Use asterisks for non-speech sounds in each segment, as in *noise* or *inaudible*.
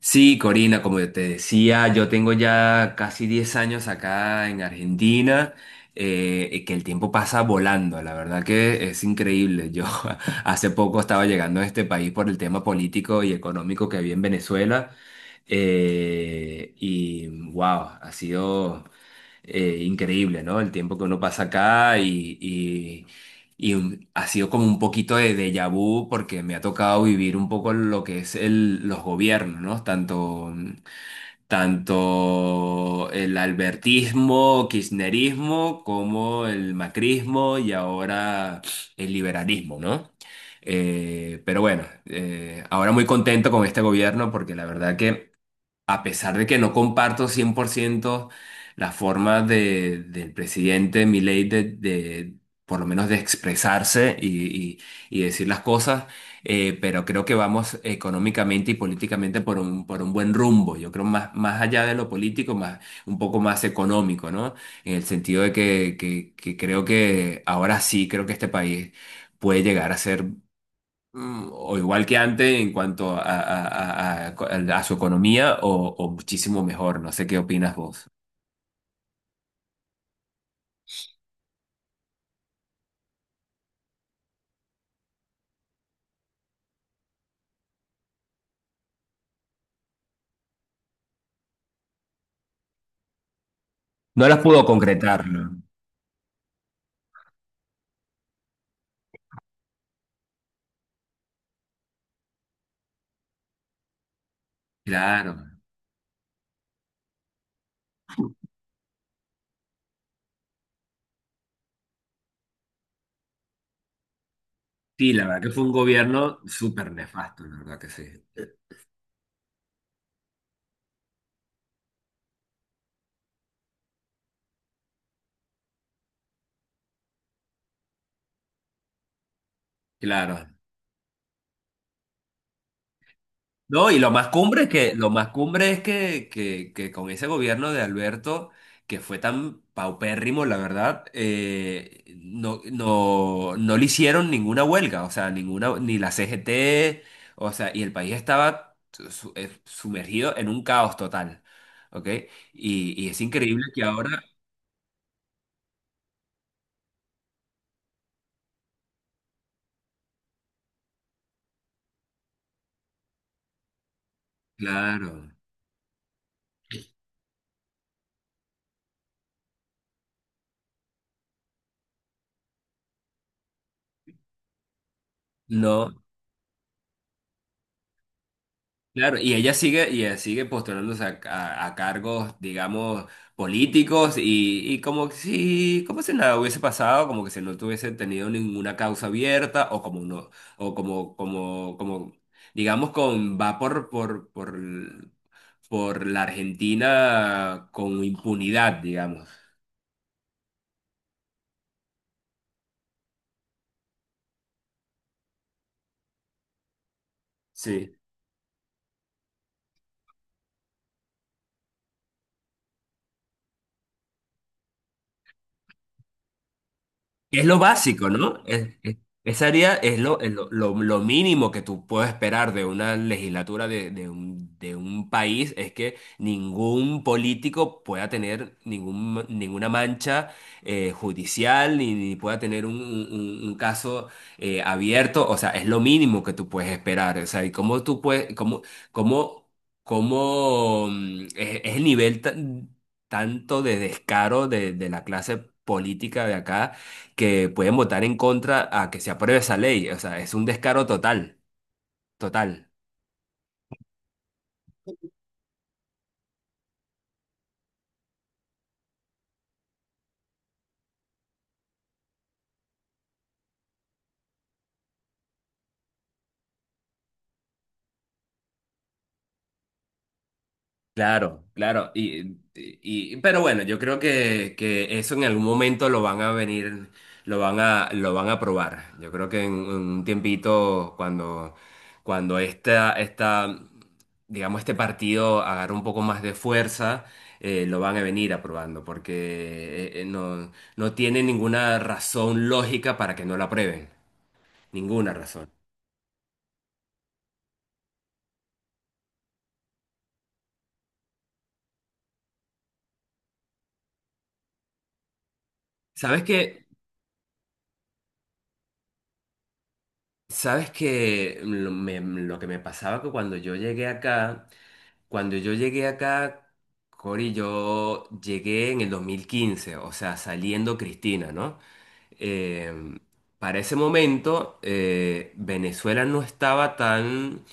Sí, Corina, como te decía, yo tengo ya casi 10 años acá en Argentina, y que el tiempo pasa volando, la verdad que es increíble. Yo *laughs* hace poco estaba llegando a este país por el tema político y económico que había en Venezuela, y wow, ha sido increíble, ¿no? El tiempo que uno pasa acá ha sido como un poquito de déjà vu porque me ha tocado vivir un poco lo que es los gobiernos, ¿no? Tanto el albertismo, kirchnerismo, como el macrismo y ahora el liberalismo, ¿no? Pero bueno, ahora muy contento con este gobierno porque la verdad que a pesar de que no comparto 100% la forma del presidente Milei por lo menos de expresarse y- y decir las cosas. Pero creo que vamos económicamente y políticamente por por un buen rumbo. Yo creo más allá de lo político, más, un poco más económico, ¿no? En el sentido de que creo que ahora sí, creo que este país puede llegar a ser o igual que antes en cuanto a su economía o muchísimo mejor. No sé qué opinas vos. No las pudo concretar, ¿no? Claro. Sí, la verdad que fue un gobierno súper nefasto, la verdad que sí. Claro. No, y lo más cumbre es que, lo más cumbre es que con ese gobierno de Alberto, que fue tan paupérrimo, la verdad, no, no, no le hicieron ninguna huelga, o sea, ninguna, ni la CGT, o sea, y el país estaba sumergido en un caos total, ¿ok? Y es increíble que ahora, claro, no. Claro, y ella sigue postulándose a cargos, digamos, políticos, y como que si, como si nada hubiese pasado, como que si no tuviese tenido ninguna causa abierta, o como no, o como, digamos, con va por la Argentina con impunidad, digamos. Sí. Es lo básico, ¿no? Esa área es lo mínimo que tú puedes esperar de una legislatura de un país. Es que ningún político pueda tener ninguna mancha judicial ni, ni pueda tener un caso abierto. O sea, es lo mínimo que tú puedes esperar. O sea, ¿y cómo tú puedes, cómo, cómo, es el nivel tanto de descaro de la clase política de acá, que pueden votar en contra a que se apruebe esa ley? O sea, es un descaro total, total. Claro, claro. Pero bueno, yo creo que eso en algún momento lo van a venir, lo van lo van a probar. Yo creo que en un tiempito, cuando, cuando esta, esta, digamos, este partido agarre un poco más de fuerza, lo van a venir aprobando, porque no, no tiene ninguna razón lógica para que no lo aprueben. Ninguna razón. ¿Sabes qué? ¿Sabes qué? Lo que me pasaba que cuando yo llegué acá, Cori, yo llegué en el 2015, o sea, saliendo Cristina, ¿no? Eh, para ese momento, Venezuela no estaba tan...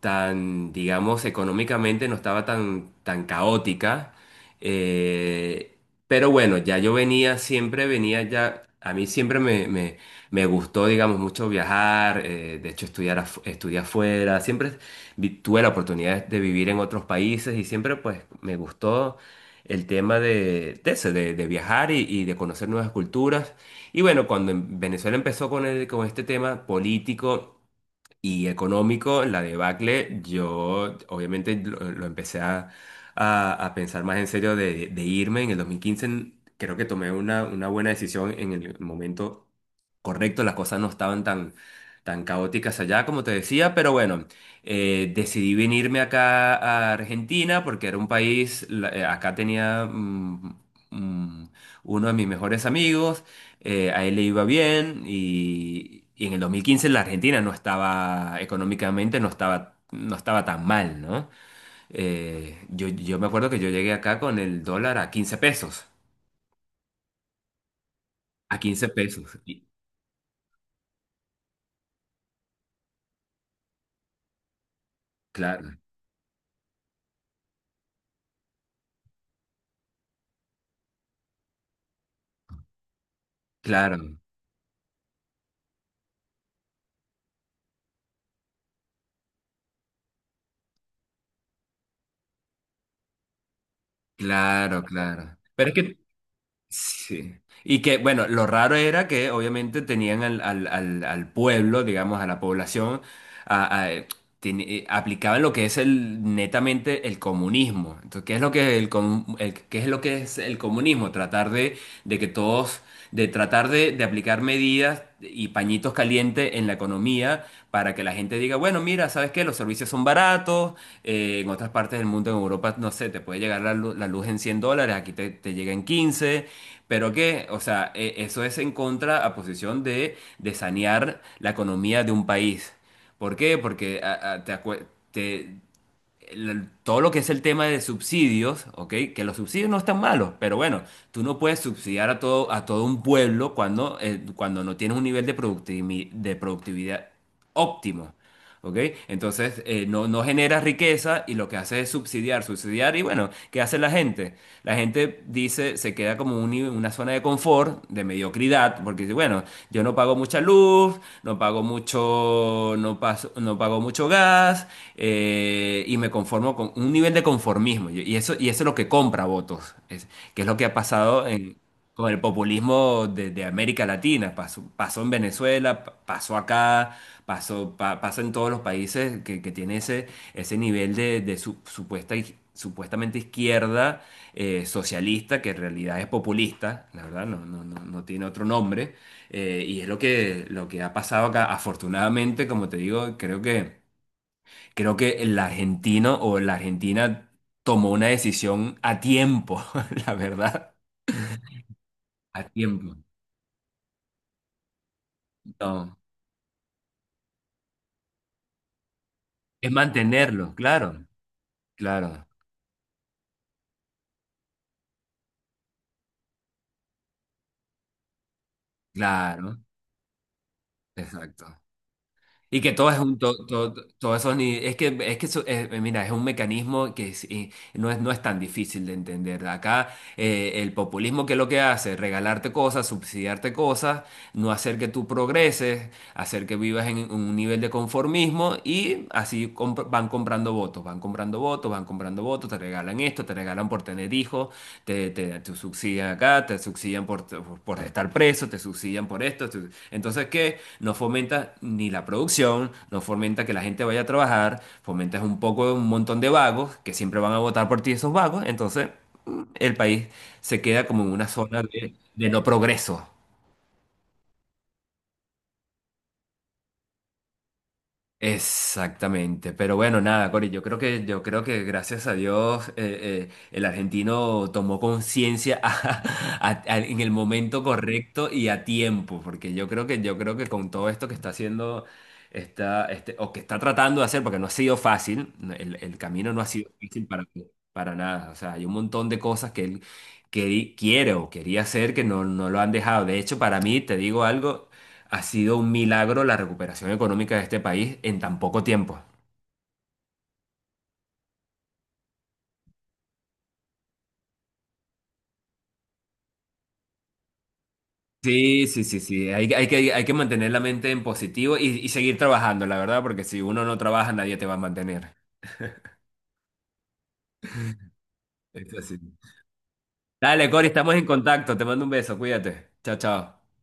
tan, digamos, económicamente no estaba tan caótica. eh, pero bueno, ya yo venía, siempre venía ya, a mí me gustó, digamos, mucho viajar. De hecho estudiar, estudié afuera, siempre tuve la oportunidad de vivir en otros países y siempre pues me gustó el tema eso, de viajar y de conocer nuevas culturas. Y bueno, cuando en Venezuela empezó con este tema político y económico, la debacle, yo obviamente lo empecé a pensar más en serio de irme. En el 2015 creo que tomé una buena decisión en el momento correcto. Las cosas no estaban tan caóticas allá como te decía, pero bueno, decidí venirme acá a Argentina porque era un país, acá tenía... mm, uno de mis mejores amigos, a él le iba bien y en el 2015 la Argentina no estaba, económicamente no estaba, no estaba tan mal, ¿no? Yo me acuerdo que yo llegué acá con el dólar a 15 pesos, a 15 pesos, y claro, claro, claro, claro. Pero es que, sí. Y que, bueno, lo raro era que obviamente tenían al pueblo, digamos, a la población a- a- aplicaban lo que es el netamente el comunismo. Entonces, ¿qué es lo que qué es lo que es el comunismo? Tratar de que todos, de tratar de aplicar medidas y pañitos calientes en la economía para que la gente diga, bueno, mira, ¿sabes qué? Los servicios son baratos. En otras partes del mundo, en Europa, no sé, te puede llegar la luz en $100, aquí te llega en 15. Pero que, o sea, eso es en contra a posición de sanear la economía de un país. ¿Por qué? Porque a- te acue- te- el- todo lo que es el tema de subsidios, ¿ok? Que los subsidios no están malos, pero bueno, tú no puedes subsidiar a todo un pueblo cuando, cuando no tienes un nivel de de productividad óptimo. ¿Ok? Entonces, no, no genera riqueza y lo que hace es subsidiar, subsidiar. Y bueno, ¿qué hace la gente? La gente dice, se queda como una zona de confort, de mediocridad, porque dice, bueno, yo no pago mucha luz, no pago mucho, no pago mucho gas. Y me conformo con un nivel de conformismo. Y y y eso es lo que compra votos, que es lo que ha pasado en con el populismo de América Latina. Pasó, pasó en Venezuela, pasó acá, pasó, pasa en todos los países que tiene ese, ese nivel de supuesta, supuestamente izquierda socialista, que en realidad es populista, la verdad, no, no, no, no tiene otro nombre. Y es lo que ha pasado acá. Afortunadamente, como te digo, creo que el argentino o la argentina tomó una decisión a tiempo, *laughs* la verdad, a tiempo. No. Es mantenerlo, claro, claro, claro, exacto. Y que todo es un, todo eso ni, es que eso, mira, es un mecanismo y no es, no es tan difícil de entender. Acá el populismo que lo que hace, es regalarte cosas, subsidiarte cosas, no hacer que tú progreses, hacer que vivas en un nivel de conformismo, y así van comprando votos, van comprando votos, van comprando votos, te regalan esto, te regalan por tener hijos, te subsidian acá, te subsidian por estar preso, te subsidian por esto. Entonces, ¿qué? No fomenta ni la producción, no fomenta que la gente vaya a trabajar, fomentas un poco un montón de vagos que siempre van a votar por ti esos vagos. Entonces, el país se queda como en una zona de no progreso. Exactamente, pero bueno, nada, Cori, yo creo que gracias a Dios, el argentino tomó conciencia *laughs* en el momento correcto y a tiempo, porque yo creo que con todo esto que está haciendo, o que está tratando de hacer, porque no ha sido fácil. No, el camino no ha sido fácil para nada. O sea, hay un montón de cosas que él quiere o quería hacer que no, no lo han dejado. De hecho, para mí, te digo algo. Ha sido un milagro la recuperación económica de este país en tan poco tiempo. Sí, sí, sí, sí. Hay, hay que mantener la mente en positivo y seguir trabajando, la verdad, porque si uno no trabaja, nadie te va a mantener. Es así. Dale, Cori, estamos en contacto. Te mando un beso, cuídate. Chao, chao.